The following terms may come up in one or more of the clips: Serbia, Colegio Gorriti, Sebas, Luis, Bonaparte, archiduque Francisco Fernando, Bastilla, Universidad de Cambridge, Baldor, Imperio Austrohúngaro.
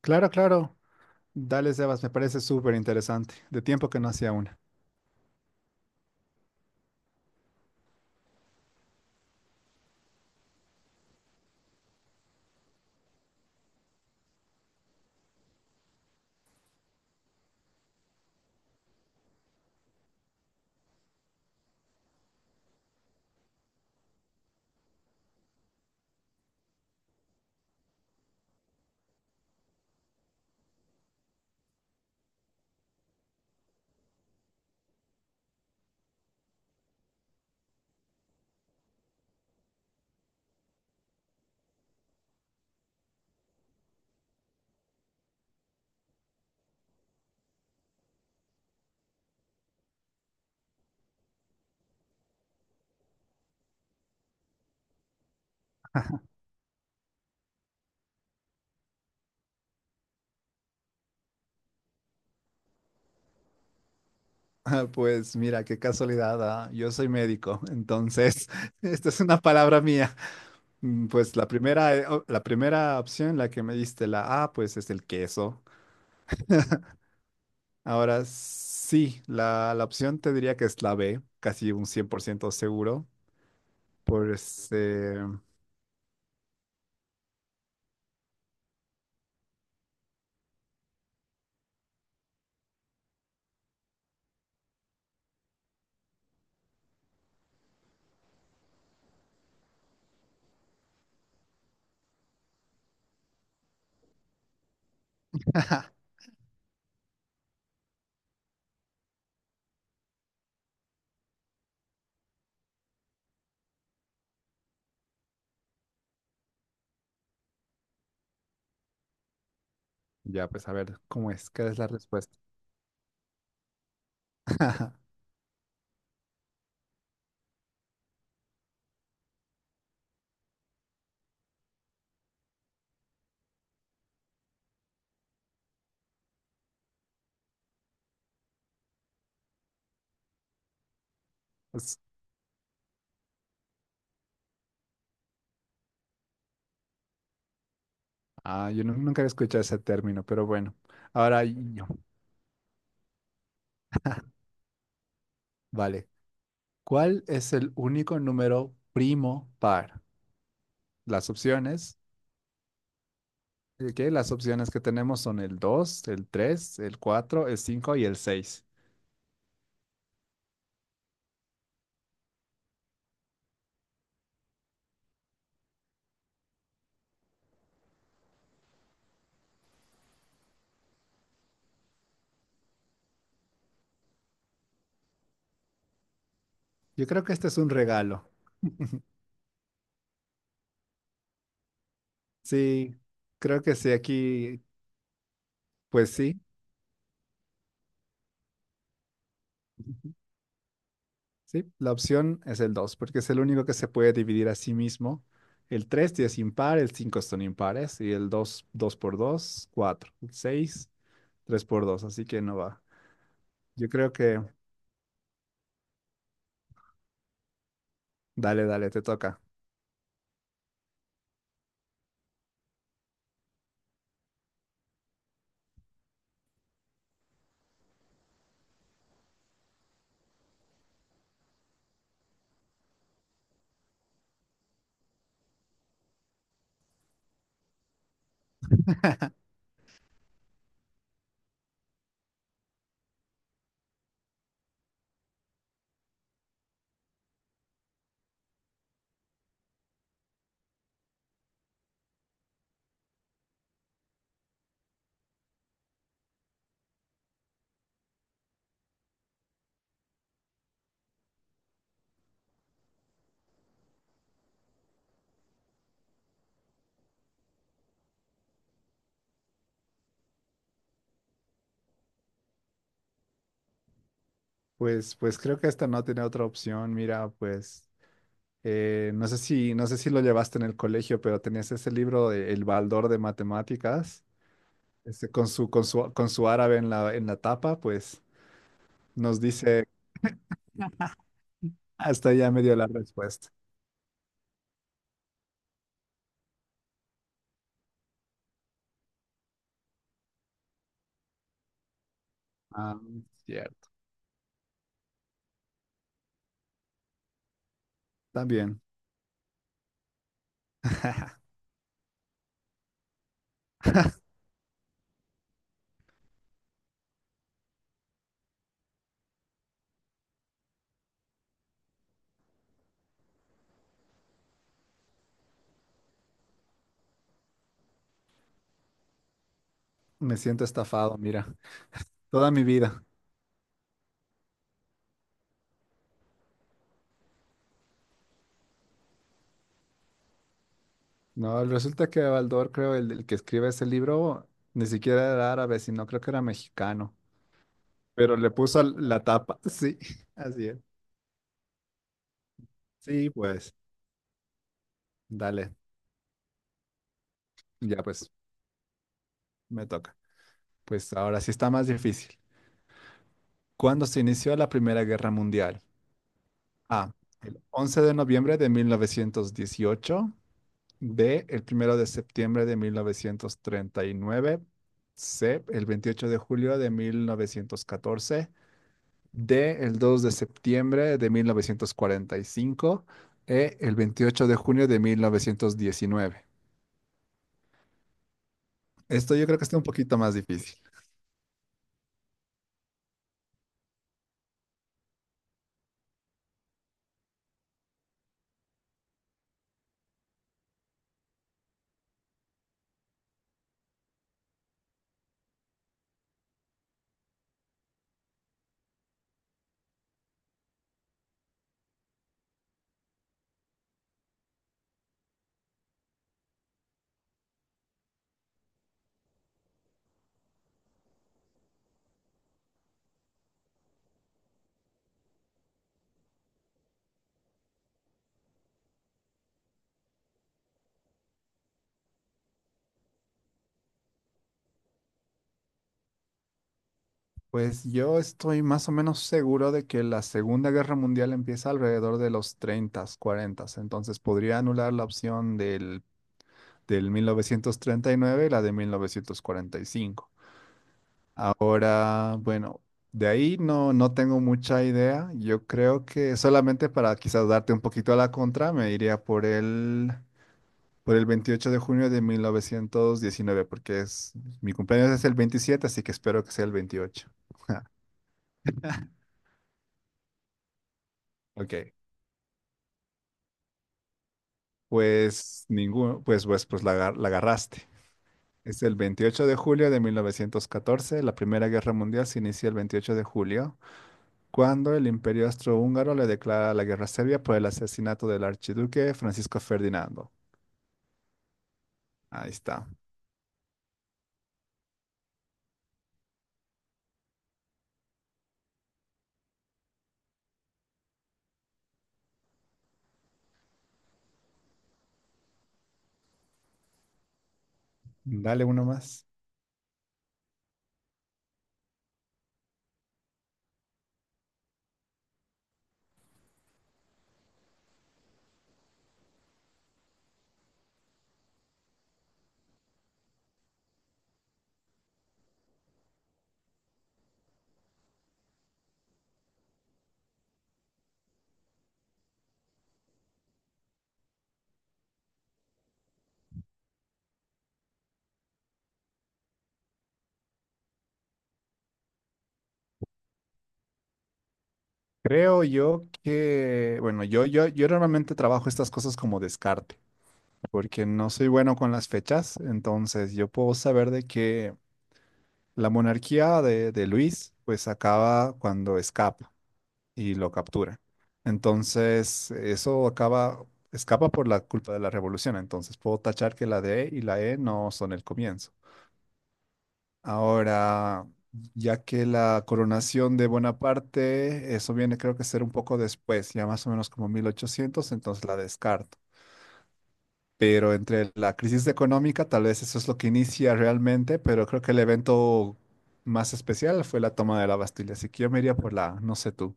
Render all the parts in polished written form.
Claro, claro. Dale, Sebas, me parece súper interesante. De tiempo que no hacía una. Pues mira, qué casualidad, yo soy médico, entonces esta es una palabra mía. Pues la primera, la primera opción, la que me diste, la A, pues es el queso. Ahora sí, la opción te diría que es la B, casi un 100% seguro. Pues ya, pues a ver, ¿cómo es? ¿Qué es la respuesta? Pues, yo nunca he escuchado ese término, pero bueno. Ahora yo. Vale. ¿Cuál es el único número primo par? Las opciones, ¿qué? Las opciones que tenemos son el 2, el 3, el 4, el 5 y el 6. Yo creo que este es un regalo. Sí, creo que sí, aquí, pues sí. Ujú. Sí, la opción es el 2, porque es el único que se puede dividir a sí mismo. El 3 sí es impar, el 5 son impares y el 2, 2 por 2, 4. El 6, 3 por 2, así que no va. Yo creo que, dale, dale, te toca. Pues, pues creo que esta no tiene otra opción. Mira, pues no sé si, no sé si lo llevaste en el colegio, pero tenías ese libro de El Baldor de Matemáticas, este, con su árabe en en la tapa, pues nos dice, hasta ya me dio la respuesta. Ah, cierto. También me siento estafado, mira, toda mi vida. No, resulta que Baldor, creo, el que escribe ese libro, ni siquiera era árabe, sino creo que era mexicano, pero le puso la tapa, sí, así es. Sí, pues. Dale, ya pues, me toca. Pues ahora sí está más difícil. ¿Cuándo se inició la Primera Guerra Mundial? A. El 11 de noviembre de 1918. B. El primero de septiembre de 1939. C. El 28 de julio de 1914. D. El 2 de septiembre de 1945. E. El 28 de junio de 1919. Esto yo creo que está un poquito más difícil. Pues yo estoy más o menos seguro de que la Segunda Guerra Mundial empieza alrededor de los 30, 40, entonces podría anular la opción del mil novecientos treinta y nueve, y la de 1945. Ahora, bueno, de ahí no, no tengo mucha idea. Yo creo que solamente para quizás darte un poquito a la contra, me iría por por el 28 de junio de 1919, porque es, mi cumpleaños es el 27, así que espero que sea el 28. Ok. Pues ninguno, pues, pues, pues la, la agarraste. Es el 28 de julio de 1914. La Primera Guerra Mundial se inicia el 28 de julio, cuando el Imperio Austrohúngaro le declara la guerra a Serbia por el asesinato del archiduque Francisco Ferdinando. Ahí está. Dale uno más. Creo yo que, bueno, yo normalmente trabajo estas cosas como descarte, porque no soy bueno con las fechas, entonces yo puedo saber de que la monarquía de Luis pues acaba cuando escapa. Y lo captura. Entonces, eso acaba, escapa por la culpa de la revolución. Entonces, puedo tachar que la D y la E no son el comienzo. Ahora, ya que la coronación de Bonaparte, eso viene creo que ser un poco después, ya más o menos como mil ochocientos, entonces la descarto. Pero entre la crisis económica, tal vez eso es lo que inicia realmente, pero creo que el evento más especial fue la toma de la Bastilla. Así que yo me iría por la, no sé tú.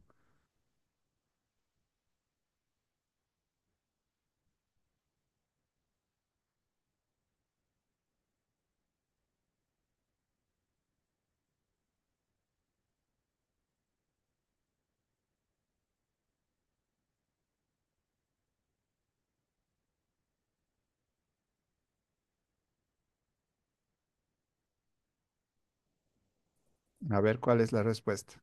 A ver cuál es la respuesta.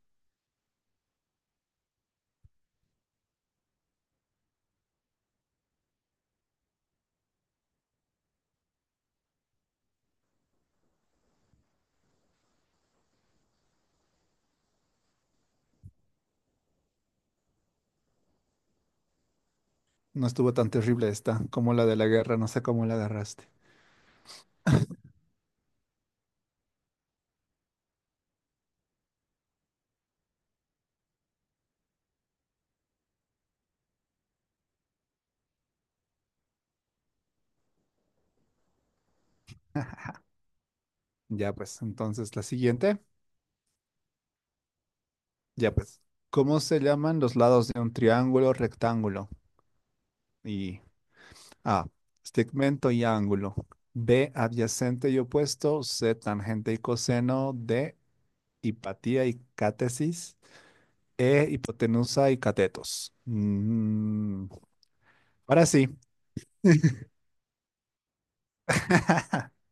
No estuvo tan terrible esta como la de la guerra, no sé cómo la agarraste. Ya pues, entonces la siguiente, ya pues. ¿Cómo se llaman los lados de un triángulo rectángulo? Y A, segmento y ángulo. B, adyacente y opuesto. C, tangente y coseno. D, hipatía y cátesis. E, hipotenusa y catetos. Mm, ahora sí.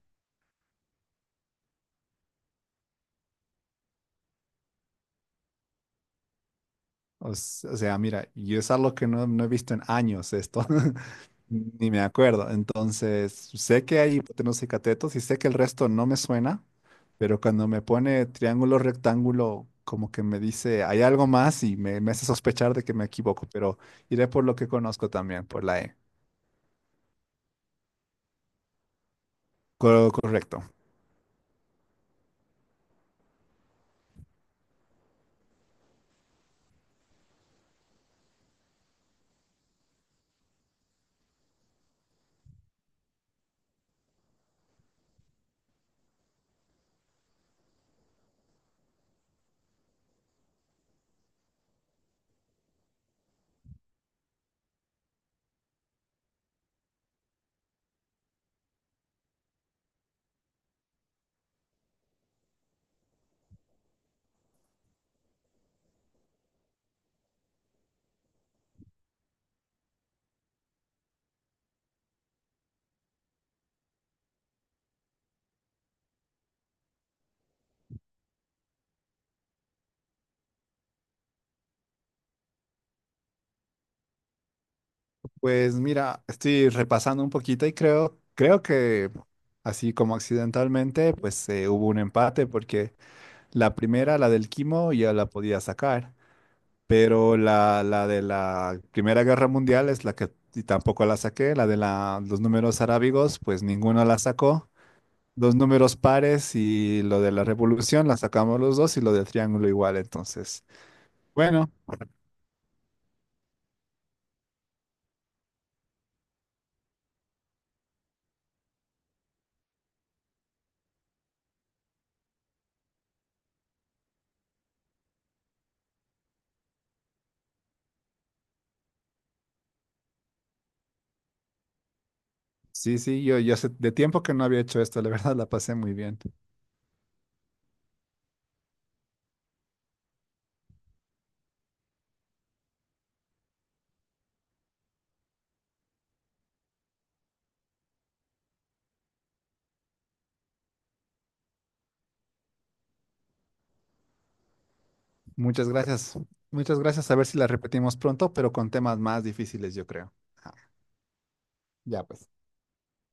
O o sea, mira, yo es algo que no, no he visto en años esto. Ni me acuerdo. Entonces, sé que hay hipotenusa y catetos y sé que el resto no me suena, pero cuando me pone triángulo, rectángulo, como que me dice, hay algo más y me hace sospechar de que me equivoco, pero iré por lo que conozco también, por la E. Correcto. Pues mira, estoy repasando un poquito y creo, creo que así como accidentalmente, pues hubo un empate porque la primera, la del quimo, ya la podía sacar. Pero la de la Primera Guerra Mundial es la que y tampoco la saqué. La de los números arábigos, pues ninguno la sacó. Los números pares y lo de la revolución la sacamos los dos y lo del triángulo igual. Entonces, bueno, sí, sí, yo hace de tiempo que no había hecho esto. La verdad la pasé muy bien. Muchas gracias. Muchas gracias. A ver si la repetimos pronto, pero con temas más difíciles, yo creo. Ajá, ya pues.